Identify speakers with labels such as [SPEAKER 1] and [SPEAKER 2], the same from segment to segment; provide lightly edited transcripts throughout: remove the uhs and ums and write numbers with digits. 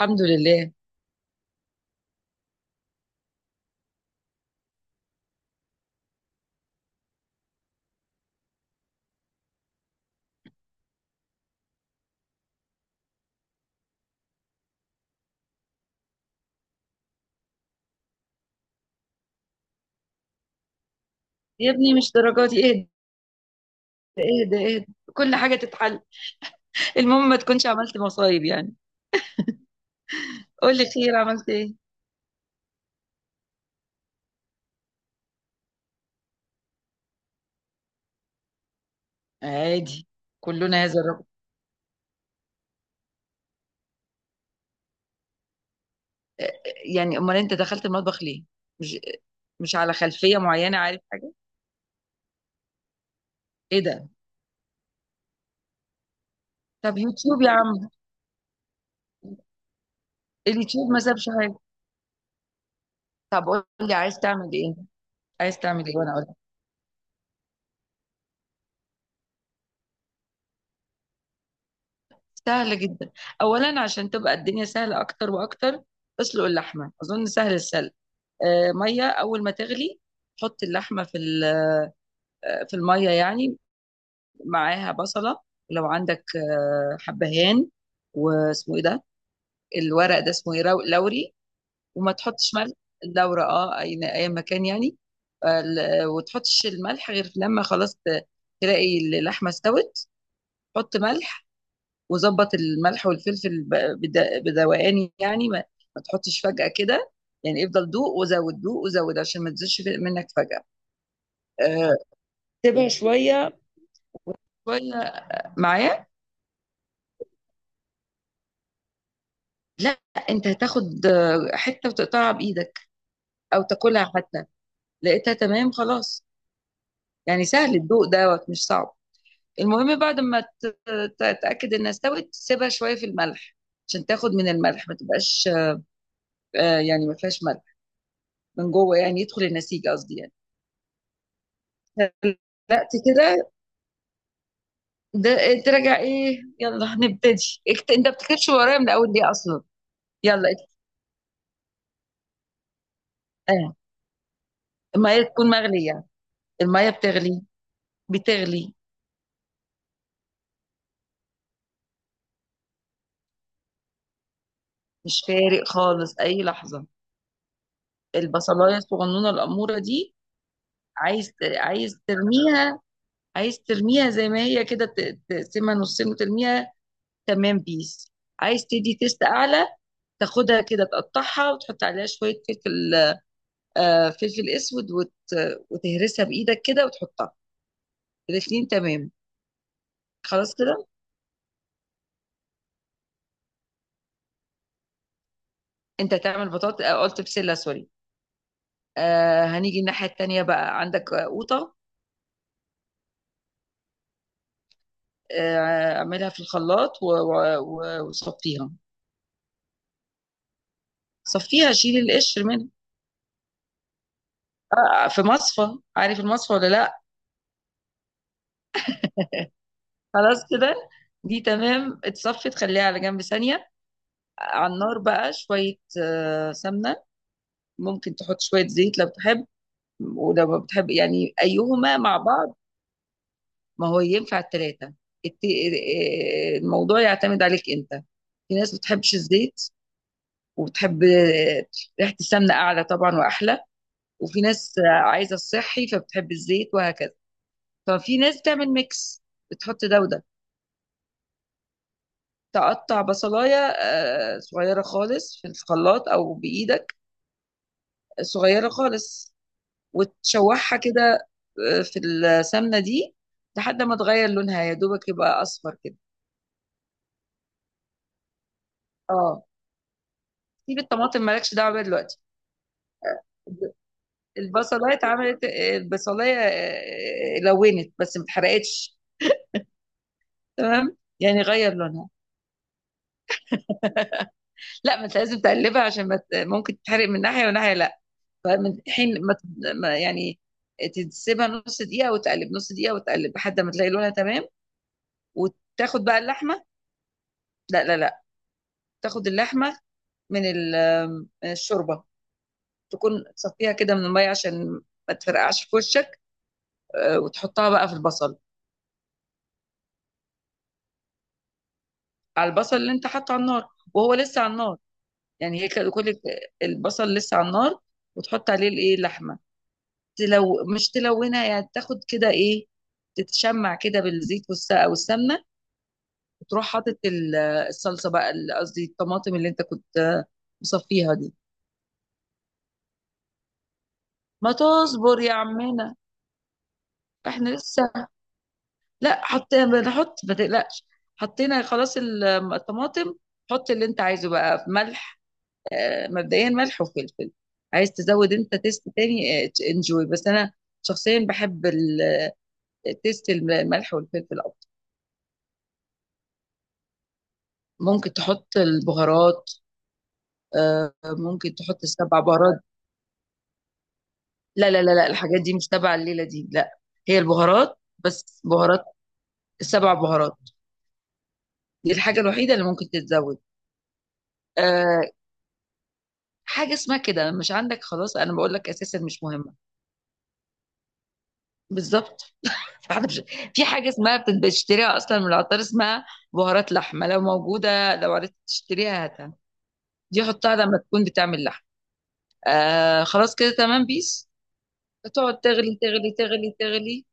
[SPEAKER 1] الحمد لله. يا ابني، مش درجاتي، اهدى اهدى اهدى. كل حاجة تتحل. المهم ما تكونش عملت مصايب يعني. قول لي، خير، عملت ايه؟ عادي، كلنا هذا الرجل. آه، يعني امال انت دخلت المطبخ ليه؟ مش مش على خلفية معينة، عارف حاجة؟ ايه ده؟ طب يوتيوب يا عم. اليوتيوب ما سابش حاجة. طب قول لي عايز تعمل ايه، عايز تعمل ايه وانا اقول لك. سهلة جدا. اولا، عشان تبقى الدنيا سهلة اكتر واكتر، اسلق اللحمة، اظن سهل السلق. آه، مية، اول ما تغلي حط اللحمة في في الميه يعني، معاها بصله. لو عندك حبهان، واسمه ايه ده، الورق ده اسمه ايه، لوري، وما تحطش ملح. لورا، اي اي مكان يعني. وتحطش الملح غير لما خلاص تلاقي اللحمه استوت، حط ملح. وظبط الملح والفلفل بدوقان يعني، ما تحطش فجأة كده. يعني افضل دوق وزود، دوق وزود، عشان ما تزيدش منك فجأة. آه، تبقى شوية شوية معايا. لأ، أنت هتاخد حتة وتقطعها بإيدك أو تاكلها حتى. لقيتها تمام، خلاص. يعني سهل الدوق دوت، مش صعب. المهم بعد ما تتأكد إنها استوت، سيبها شوية في الملح عشان تاخد من الملح، ما تبقاش يعني ما فيهاش ملح من جوه، يعني يدخل النسيج، قصدي، يعني. لا كده ده، تراجع ايه، يلا هنبتدي انت بتكتبش ورايا من الاول ليه اصلا. يلا اه، الميه تكون مغليه. الميه بتغلي. بتغلي مش فارق خالص، اي لحظه. البصلايه الصغنونه الاموره دي، عايز ترميها. عايز ترميها زي ما هي كده، تقسمها نصين وترميها، تمام، بيس. عايز تدي تيست اعلى، تاخدها كده، تقطعها وتحط عليها شويه فلفل، فلفل اسود، وتهرسها بايدك كده وتحطها. الاثنين تمام، خلاص كده. انت تعمل بطاطا، قلت بسله، سوري. آه، هنيجي الناحيه التانيه بقى، عندك قوطه. اعملها في الخلاط وصفيها، صفيها، شيل القشر منها. في مصفى، عارف المصفى ولا لا. خلاص كده، دي تمام اتصفت، خليها على جنب ثانية. على النار بقى شوية، سمنة. ممكن تحط شوية زيت لو بتحب، ولو ما بتحب يعني، أيهما مع بعض، ما هو ينفع التلاتة. الموضوع يعتمد عليك أنت. في ناس بتحبش الزيت، وبتحب ريحة السمنة أعلى طبعا وأحلى. وفي ناس عايزة الصحي، فبتحب الزيت، وهكذا. ففي ناس تعمل ميكس، بتحط ده وده. تقطع بصلاية صغيرة خالص في الخلاط أو بإيدك، صغيرة خالص، وتشوحها كده في السمنة دي لحد ما تغير لونها يا دوبك، يبقى أصفر كده. اه سيب الطماطم، مالكش دعوة بيها دلوقتي. البصلاية اتعملت، آه، البصلاية آه، آه، لونت بس ما اتحرقتش. تمام يعني، غير لونها. لا، ما انت لازم تقلبها، عشان ما ممكن تتحرق من ناحية وناحية، لا. فمن حين ما يعني تسيبها نص دقيقة، وتقلب نص دقيقة، وتقلب، لحد ما تلاقي لونها تمام، وتاخد بقى اللحمة. لا لا لا، تاخد اللحمة من من الشوربة، تكون تصفيها كده من المية عشان ما تفرقعش في وشك. وتحطها بقى في البصل، على البصل اللي انت حاطه على النار وهو لسه على النار. يعني هي كده كل البصل لسه على النار، وتحط عليه الايه، اللحمة، تلو، مش تلونها، يعني تاخد كده ايه، تتشمع كده بالزيت والسمنة. وتروح حاطط الصلصه بقى، قصدي الطماطم اللي انت كنت مصفيها دي. ما تصبر يا عمنا، احنا لسه. لا، حطينا، بنحط، ما تقلقش، حطينا، خلاص الطماطم. حط اللي انت عايزه بقى، ملح، مبدئيا ملح وفلفل. عايز تزود انت تيست تاني، انجوي. بس انا شخصيا بحب تيست الملح والفلفل اكتر. ممكن تحط البهارات، ممكن تحط السبع بهارات. لا لا لا لا، الحاجات دي مش تبع الليلة دي، لا. هي البهارات بس بهارات، السبع بهارات دي الحاجة الوحيدة اللي ممكن تتزود. آه حاجة اسمها كده، مش عندك، خلاص، أنا بقول لك أساسا مش مهمة بالظبط. فاحنا في حاجة اسمها بتشتريها أصلا من العطار، اسمها بهارات لحمة. لو موجودة، لو عرفت تشتريها هاتها. دي حطها لما تكون بتعمل لحم. خلاص كده، تمام، بيس. تقعد تغلي تغلي تغلي تغلي.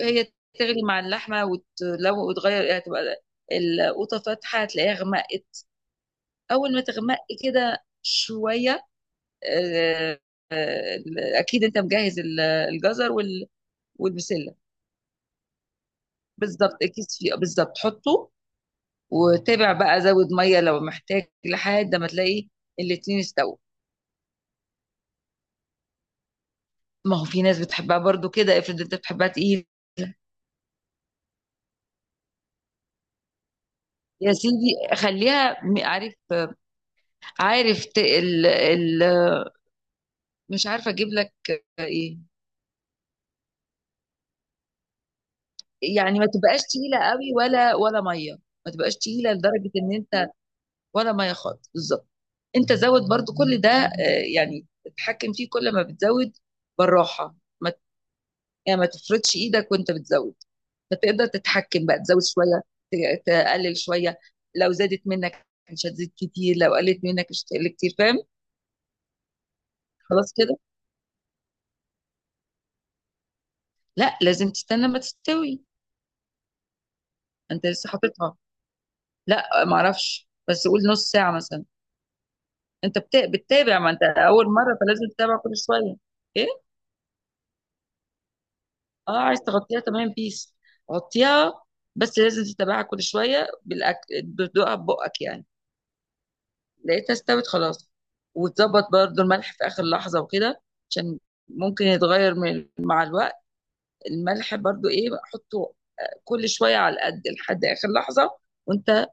[SPEAKER 1] هي تغلي مع اللحمة، وتغير، هتبقى القوطة فاتحة تلاقيها غمقت. أول ما تغمق كده شوية، آه، آه، أكيد أنت مجهز الجزر والبسلة. بالظبط، الكيس فيه بالظبط، حطه. وتابع بقى، زود مية لو محتاج، لحد ما تلاقي الاتنين استووا. ما هو في ناس بتحبها برضو كده، افرض انت بتحبها تقيل. يا سيدي، خليها عارف، ال مش عارفة اجيب لك ايه. يعني ما تبقاش تقيلة قوي، ولا مية. ما تبقاش تقيلة لدرجة ان انت، ولا مية خالص بالظبط. انت زود برضو كل ده، يعني تتحكم فيه كل ما بتزود بالراحة. ما ت- يعني ما تفرضش ايدك وانت بتزود. فتقدر تتحكم بقى، تزود شوية، تقلل شوية. لو زادت منك مش هتزيد كتير، لو قلت منك مش هتقل كتير، فاهم. خلاص كده. لا، لازم تستنى ما تستوي. انت لسه حاططها. لا معرفش، بس قول نص ساعة مثلا. انت بتتابع، ما انت اول مره، فلازم تتابع كل شويه. ايه؟ اه، عايز تغطيها، تمام، بيس، غطيها. بس لازم تتابعها كل شويه بالاكل، بتدوقها ببقك يعني. لقيتها استوت، خلاص. وتظبط برضو الملح في اخر لحظه وكده، عشان ممكن يتغير من مع الوقت. الملح برضو، ايه، حطه كل شويه على القد، لحد اخر لحظه وانت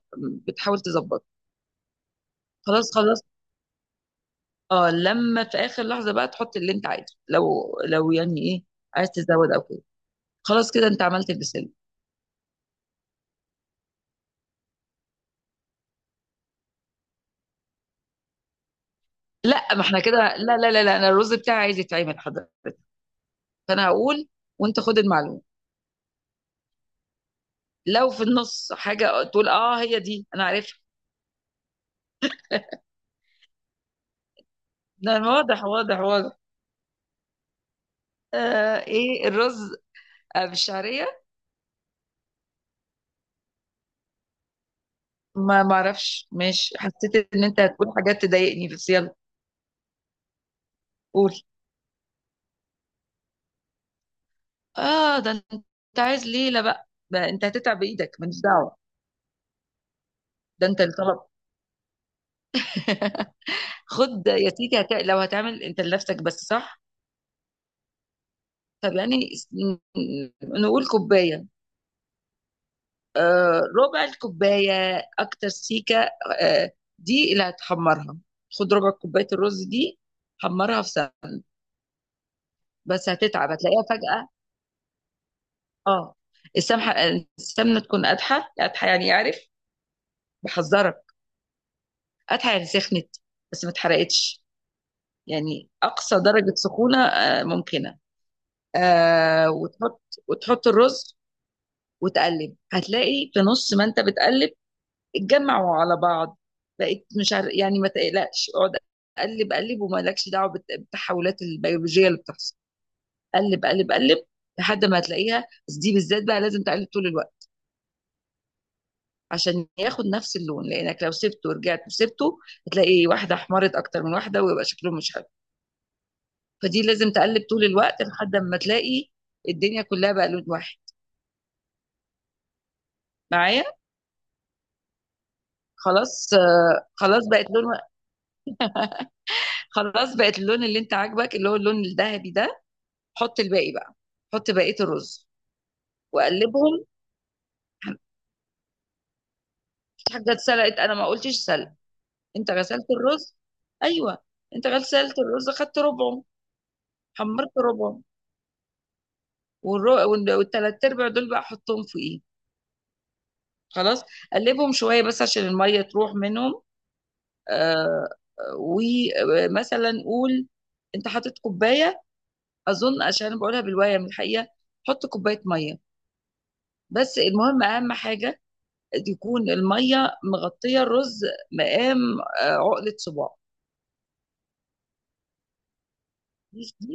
[SPEAKER 1] بتحاول تظبط. خلاص، خلاص. اه، لما في اخر لحظه بقى تحط اللي انت عايزه، لو يعني ايه، عايز تزود او كده. خلاص كده، أنت عملت البسلة. لا، ما إحنا كده، لا لا لا لا، أنا الرز بتاعي عايز يتعمل حضرتك، فأنا هقول وأنت خد المعلومة. لو في النص حاجة تقول أه هي دي أنا عارفها. ده واضح واضح واضح. إيه الرز، بالشعرية. ما أعرفش، ماشي، حسيت إن أنت هتقول حاجات تضايقني، بس يلا قول. ده أنت عايز ليلة بقى، ده أنت هتتعب بإيدك ماليش دعوة. ده أنت اللي طلب. خد يا سيدي، لو هتعمل انت لنفسك بس، صح. طب يعني، نقول كوباية، آه، ربع الكوباية، أكتر سيكة، آه، دي اللي هتحمرها. خد ربع كوباية الرز دي، حمرها في سمنة. بس هتتعب، هتلاقيها فجأة. اه السمنة، تكون قادحة قادحة، يعني عارف، بحذرك. قادحة يعني سخنت بس ما اتحرقتش. يعني أقصى درجة سخونة ممكنة. وتحط، الرز، وتقلب. هتلاقي في نص ما انت بتقلب، اتجمعوا على بعض، بقيت مش عارف يعني، ما تقلقش، اقعد اقلب اقلب ومالكش دعوه بالتحولات البيولوجيه اللي بتحصل. قلب قلب قلب، لحد ما هتلاقيها. بس دي بالذات بقى لازم تقلب طول الوقت، عشان ياخد نفس اللون، لانك لو سبته ورجعت وسبته، هتلاقي واحده احمرت اكتر من واحده ويبقى شكلهم مش حلو. فدي لازم تقلب طول الوقت لحد ما تلاقي الدنيا كلها بقى لون واحد. معايا. خلاص، خلاص بقت لون. خلاص بقت اللون اللي انت عاجبك، اللي هو اللون الذهبي ده. حط الباقي بقى، حط بقية الرز وقلبهم. في حاجة اتسلقت، انا ما قلتش سلق، انت غسلت الرز. ايوه، انت غسلت الرز، خدت ربعه، حمرت ربعه، والتلات ارباع دول بقى حطهم فوقيه، خلاص. قلبهم شوية بس عشان المية تروح منهم. آه ومثلا قول انت حاطط كوباية، اظن، عشان أنا بقولها بالواية من الحقيقة، حط كوباية مية. بس المهم، اهم حاجة، يكون الميه مغطيه الرز مقام عقله صباع. دي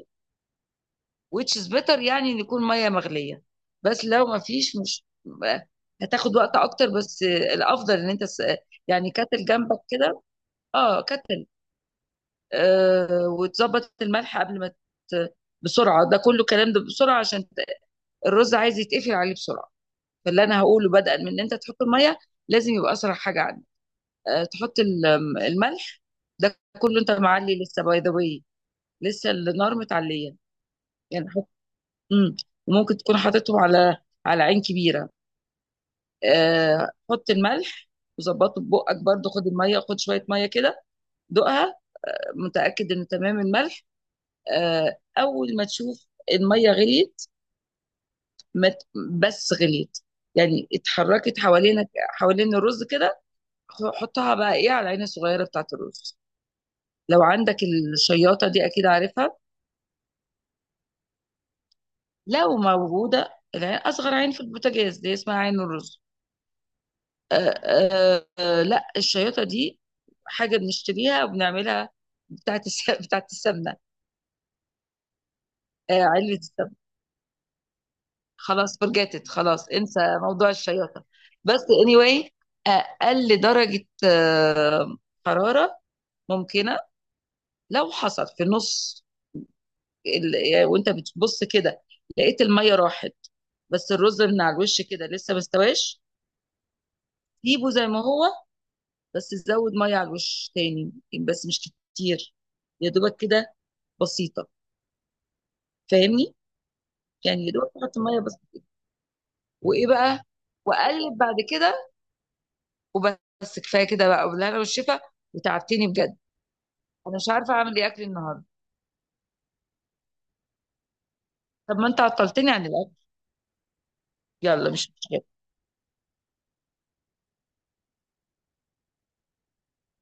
[SPEAKER 1] which is better، يعني ان يكون ميه مغليه. بس لو ما فيش، مش آه، هتاخد وقت اكتر. بس الافضل ان انت يعني كاتل جنبك كده. اه، كاتل. وتظبط الملح قبل ما ت- بسرعه، ده كله كلام، ده بسرعه، عشان الرز عايز يتقفل عليه بسرعه. فاللي انا هقوله، بدءا من ان انت تحط الميه، لازم يبقى اسرع حاجه عندك. تحط الملح. ده كله انت معلي لسه، باي ذا واي، لسه النار متعليه. يعني حط، مم. وممكن تكون حاططهم على عين كبيره. حط الملح وظبطه ببقك برضه. خد الميه، خد شويه ميه كده، دوقها، متاكد ان تمام الملح. اول ما تشوف الميه غليت، ما ت- بس غليت، يعني اتحركت حوالين الرز كده، حطها بقى ايه على العين الصغيره بتاعت الرز. لو عندك الشياطه دي اكيد عارفها. لو موجودة، العين أصغر عين في البوتاجاز دي اسمها عين الرز. لا، الشياطة دي حاجة بنشتريها وبنعملها، بتاعت السمنة. علبة السمنة. خلاص فرجتت، خلاص، انسى موضوع الشياطة. بس anyway، آه، أقل درجة حرارة ممكنة. لو حصل في النص يعني وانت بتبص كده، لقيت المية راحت بس الرز من على الوش كده لسه ما استواش، سيبه زي ما هو، بس تزود ميه على الوش تاني، بس مش كتير، يا دوبك كده، بسيطه، فاهمني. يعني يا دوبك تحط ميه بس. وايه بقى، واقلب بعد كده، وبس، كفايه كده بقى، وبالهنا والشفا. وتعبتني بجد، انا مش عارفه اعمل ايه اكل النهارده. طب ما انت عطلتني عن الاكل. يلا مش مشكله،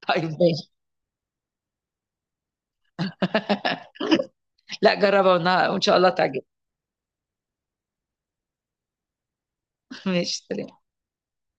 [SPEAKER 1] طيب ماشي. لا، جربها وان شاء الله تعجبك. ماشي، سلام.